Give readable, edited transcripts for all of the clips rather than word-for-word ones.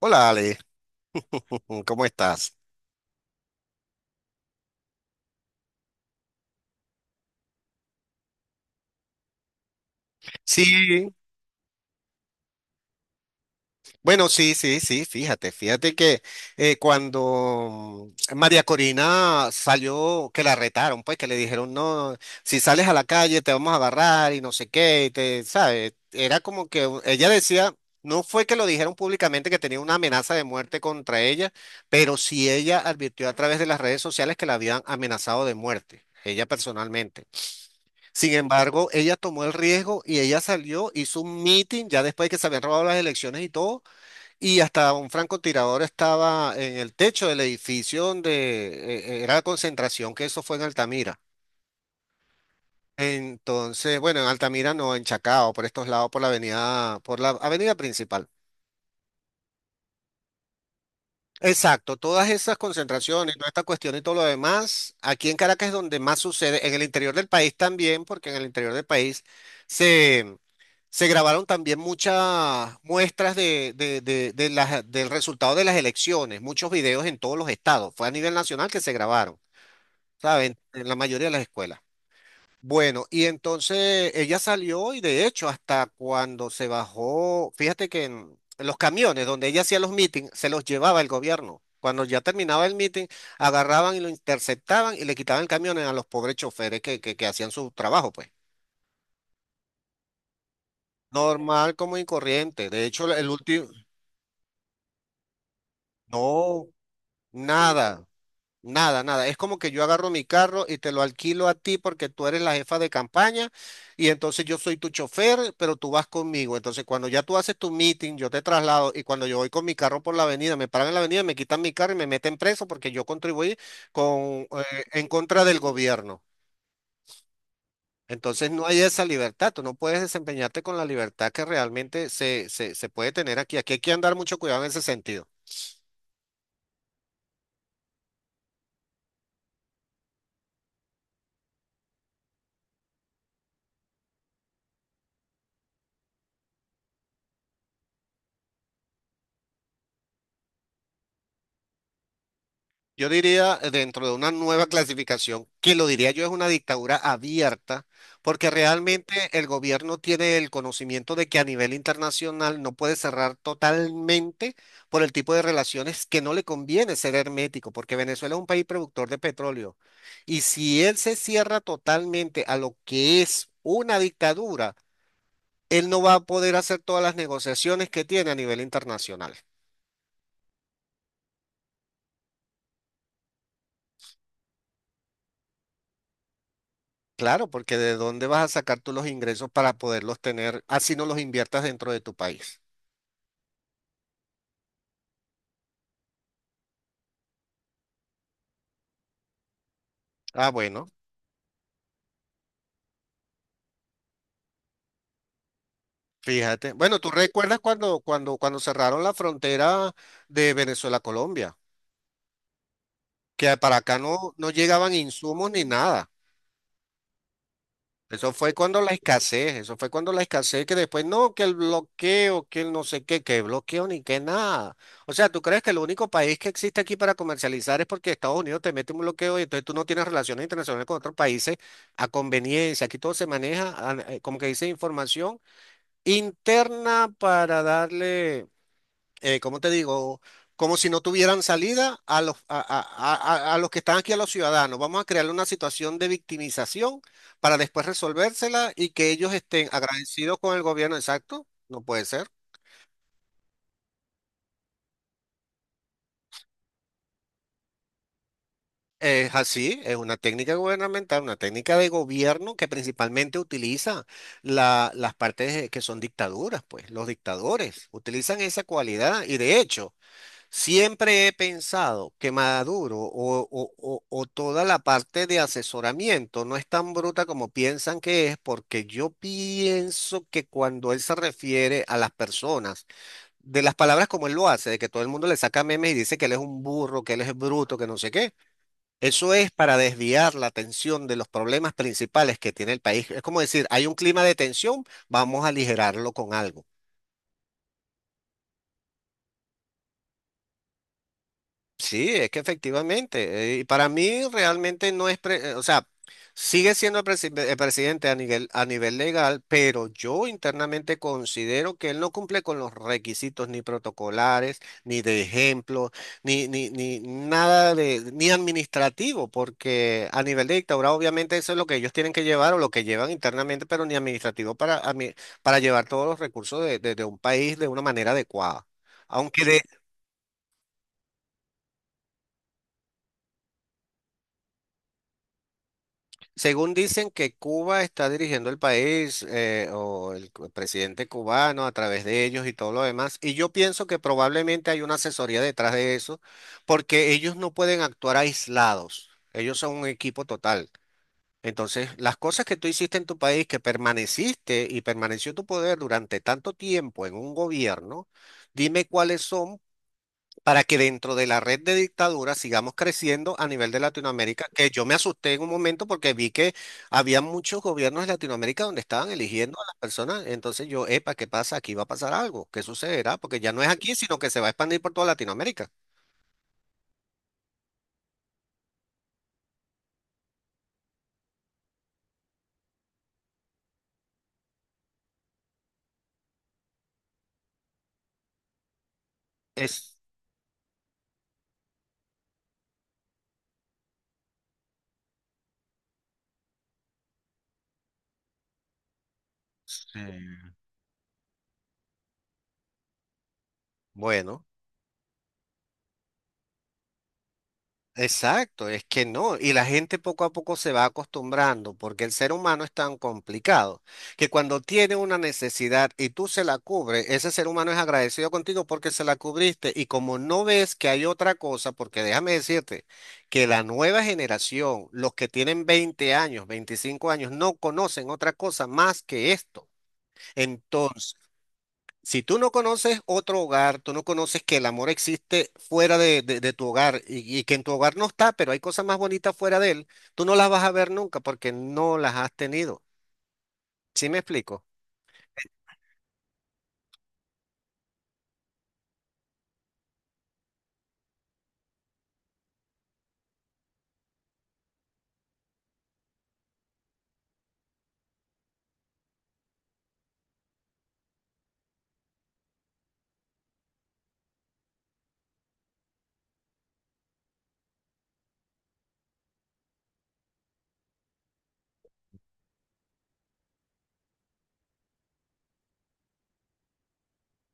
Hola Ale, ¿cómo estás? Sí, bueno, sí, sí, sí, fíjate, fíjate que cuando María Corina salió, que la retaron, pues que le dijeron, no, si sales a la calle te vamos a agarrar y no sé qué, y te, ¿sabes? Era como que ella decía, no fue que lo dijeron públicamente que tenía una amenaza de muerte contra ella, pero sí ella advirtió a través de las redes sociales que la habían amenazado de muerte, ella personalmente. Sin embargo, ella tomó el riesgo y ella salió, hizo un meeting ya después de que se habían robado las elecciones y todo, y hasta un francotirador estaba en el techo del edificio donde era la concentración, que eso fue en Altamira. Entonces, bueno, en Altamira no, en Chacao, por estos lados, por la avenida principal. Exacto, todas esas concentraciones, toda esta cuestión y todo lo demás, aquí en Caracas es donde más sucede, en el interior del país también, porque en el interior del país se Se grabaron también muchas muestras del resultado de las elecciones, muchos videos en todos los estados. Fue a nivel nacional que se grabaron, ¿saben? En la mayoría de las escuelas. Bueno, y entonces ella salió y de hecho hasta cuando se bajó, fíjate que en los camiones donde ella hacía los meetings, se los llevaba el gobierno. Cuando ya terminaba el meeting, agarraban y lo interceptaban y le quitaban el camión a los pobres choferes que hacían su trabajo, pues. Normal, como y corriente. De hecho, el último. No, nada, nada, nada. Es como que yo agarro mi carro y te lo alquilo a ti porque tú eres la jefa de campaña y entonces yo soy tu chofer, pero tú vas conmigo. Entonces cuando ya tú haces tu meeting, yo te traslado y cuando yo voy con mi carro por la avenida, me paran en la avenida, me quitan mi carro y me meten preso porque yo contribuí con, en contra del gobierno. Entonces no hay esa libertad, tú no puedes desempeñarte con la libertad que realmente se puede tener aquí. Aquí hay que andar mucho cuidado en ese sentido. Yo diría, dentro de una nueva clasificación, que lo diría yo es una dictadura abierta, porque realmente el gobierno tiene el conocimiento de que a nivel internacional no puede cerrar totalmente por el tipo de relaciones que no le conviene ser hermético, porque Venezuela es un país productor de petróleo. Y si él se cierra totalmente a lo que es una dictadura, él no va a poder hacer todas las negociaciones que tiene a nivel internacional. Claro, porque ¿de dónde vas a sacar tú los ingresos para poderlos tener, así no los inviertas dentro de tu país? Ah, bueno, fíjate. Bueno, ¿tú recuerdas cuando cerraron la frontera de Venezuela a Colombia? Que para acá no, no llegaban insumos ni nada. Eso fue cuando la escasez, eso fue cuando la escasez que después no, que el bloqueo, que el no sé qué, que bloqueo ni que nada. O sea, ¿tú crees que el único país que existe aquí para comercializar es porque Estados Unidos te mete un bloqueo y entonces tú no tienes relaciones internacionales con otros países a conveniencia? Aquí todo se maneja, ah, como que dice, información interna para darle ¿cómo te digo? Como si no tuvieran salida a los, a los que están aquí, a los ciudadanos. Vamos a crear una situación de victimización para después resolvérsela y que ellos estén agradecidos con el gobierno. Exacto, no puede ser. Es así, es una técnica gubernamental, una técnica de gobierno que principalmente utiliza las partes que son dictaduras, pues los dictadores utilizan esa cualidad y de hecho... Siempre he pensado que Maduro o toda la parte de asesoramiento no es tan bruta como piensan que es, porque yo pienso que cuando él se refiere a las personas, de las palabras como él lo hace, de que todo el mundo le saca memes y dice que él es un burro, que él es bruto, que no sé qué, eso es para desviar la atención de los problemas principales que tiene el país. Es como decir, hay un clima de tensión, vamos a aligerarlo con algo. Sí, es que efectivamente, y para mí realmente no es, o sea, sigue siendo el, presidente a nivel legal, pero yo internamente considero que él no cumple con los requisitos ni protocolares, ni de ejemplo, ni nada de, ni administrativo, porque a nivel de dictadura obviamente eso es lo que ellos tienen que llevar o lo que llevan internamente, pero ni administrativo para, para llevar todos los recursos de un país de una manera adecuada. Aunque de, según dicen que Cuba está dirigiendo el país o el presidente cubano a través de ellos y todo lo demás, y yo pienso que probablemente hay una asesoría detrás de eso, porque ellos no pueden actuar aislados, ellos son un equipo total. Entonces, las cosas que tú hiciste en tu país, que permaneciste y permaneció tu poder durante tanto tiempo en un gobierno, dime cuáles son para que dentro de la red de dictaduras sigamos creciendo a nivel de Latinoamérica, que yo me asusté en un momento porque vi que había muchos gobiernos de Latinoamérica donde estaban eligiendo a las personas, entonces yo, epa, ¿qué pasa? Aquí va a pasar algo, ¿qué sucederá? Porque ya no es aquí, sino que se va a expandir por toda Latinoamérica. Es, sí. Bueno. Exacto, es que no, y la gente poco a poco se va acostumbrando, porque el ser humano es tan complicado que cuando tiene una necesidad y tú se la cubres, ese ser humano es agradecido contigo porque se la cubriste y como no ves que hay otra cosa, porque déjame decirte que la nueva generación, los que tienen 20 años, 25 años, no conocen otra cosa más que esto. Entonces, si tú no conoces otro hogar, tú no conoces que el amor existe fuera de tu hogar y que en tu hogar no está, pero hay cosas más bonitas fuera de él, tú no las vas a ver nunca porque no las has tenido. ¿Sí me explico?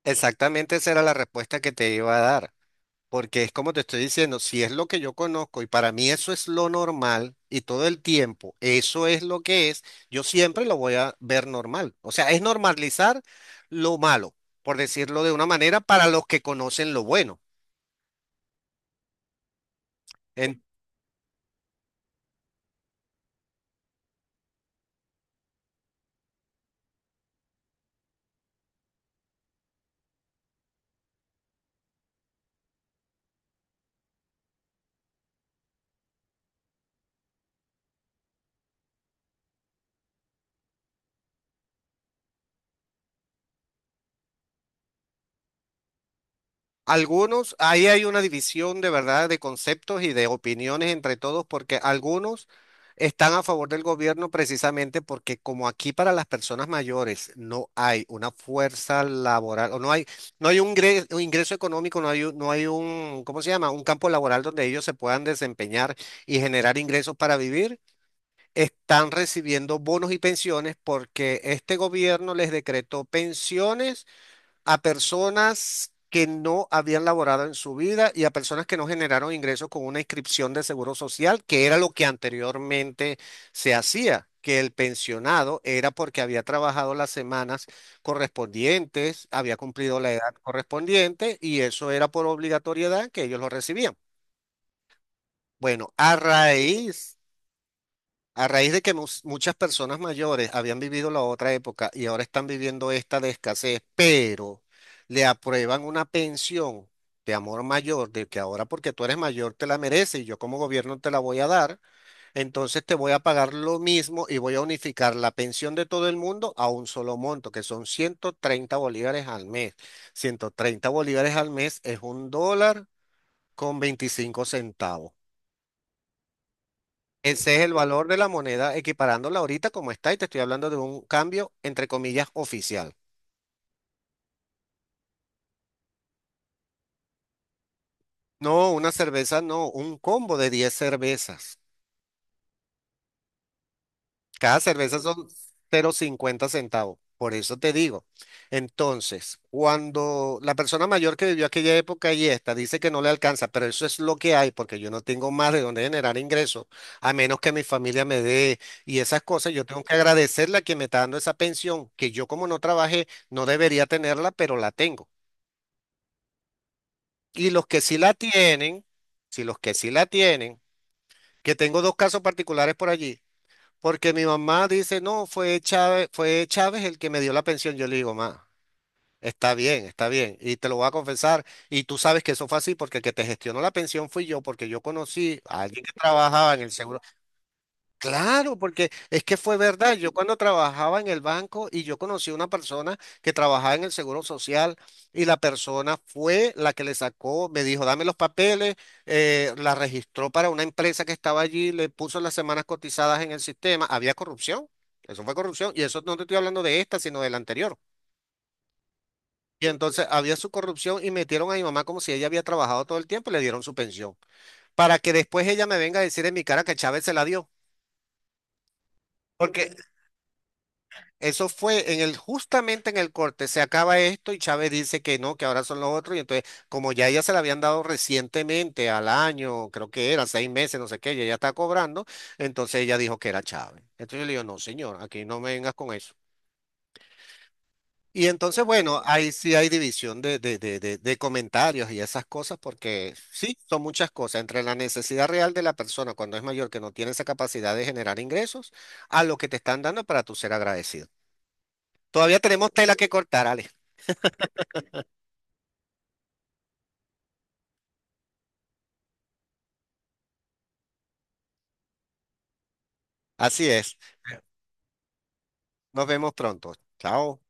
Exactamente esa era la respuesta que te iba a dar, porque es como te estoy diciendo, si es lo que yo conozco y para mí eso es lo normal y todo el tiempo eso es lo que es, yo siempre lo voy a ver normal. O sea, es normalizar lo malo, por decirlo de una manera, para los que conocen lo bueno. Algunos, ahí hay una división de verdad de conceptos y de opiniones entre todos, porque algunos están a favor del gobierno precisamente porque como aquí para las personas mayores no hay una fuerza laboral o no hay, no hay un ingreso, económico, no hay, no hay un, ¿cómo se llama? Un campo laboral donde ellos se puedan desempeñar y generar ingresos para vivir, están recibiendo bonos y pensiones porque este gobierno les decretó pensiones a personas que no habían laborado en su vida y a personas que no generaron ingresos con una inscripción de seguro social, que era lo que anteriormente se hacía, que el pensionado era porque había trabajado las semanas correspondientes, había cumplido la edad correspondiente y eso era por obligatoriedad que ellos lo recibían. Bueno, a raíz de que muchas personas mayores habían vivido la otra época y ahora están viviendo esta de escasez, pero le aprueban una pensión de amor mayor, de que ahora porque tú eres mayor te la mereces y yo como gobierno te la voy a dar, entonces te voy a pagar lo mismo y voy a unificar la pensión de todo el mundo a un solo monto, que son 130 bolívares al mes. 130 bolívares al mes es $1,25. Ese es el valor de la moneda equiparándola ahorita como está y te estoy hablando de un cambio entre comillas oficial. No, una cerveza, no, un combo de 10 cervezas. Cada cerveza son 0,50 centavos. Por eso te digo. Entonces, cuando la persona mayor que vivió aquella época y esta dice que no le alcanza, pero eso es lo que hay, porque yo no tengo más de dónde generar ingresos, a menos que mi familia me dé y esas cosas, yo tengo que agradecerle a quien me está dando esa pensión, que yo como no trabajé, no debería tenerla, pero la tengo. Y los que sí la tienen, si los que sí la tienen, que tengo dos casos particulares por allí. Porque mi mamá dice, no, fue Chávez el que me dio la pensión. Yo le digo, ma, está bien, está bien. Y te lo voy a confesar. Y tú sabes que eso fue así porque el que te gestionó la pensión fui yo, porque yo conocí a alguien que trabajaba en el seguro. Claro, porque es que fue verdad. Yo cuando trabajaba en el banco y yo conocí a una persona que trabajaba en el Seguro Social y la persona fue la que le sacó, me dijo, dame los papeles, la registró para una empresa que estaba allí, le puso las semanas cotizadas en el sistema. Había corrupción, eso fue corrupción y eso no te estoy hablando de esta, sino de la anterior. Y entonces había su corrupción y metieron a mi mamá como si ella había trabajado todo el tiempo y le dieron su pensión. Para que después ella me venga a decir en mi cara que Chávez se la dio. Porque eso fue en el, justamente en el corte, se acaba esto y Chávez dice que no, que ahora son los otros. Y entonces, como ya ella se la habían dado recientemente, al año, creo que era, 6 meses, no sé qué, y ella está cobrando, entonces ella dijo que era Chávez. Entonces yo le digo, no, señor, aquí no me vengas con eso. Y entonces, bueno, ahí sí hay división de comentarios y esas cosas, porque sí, son muchas cosas, entre la necesidad real de la persona cuando es mayor, que no tiene esa capacidad de generar ingresos, a lo que te están dando para tu ser agradecido. Todavía tenemos tela que cortar, Ale. Así es. Nos vemos pronto. Chao.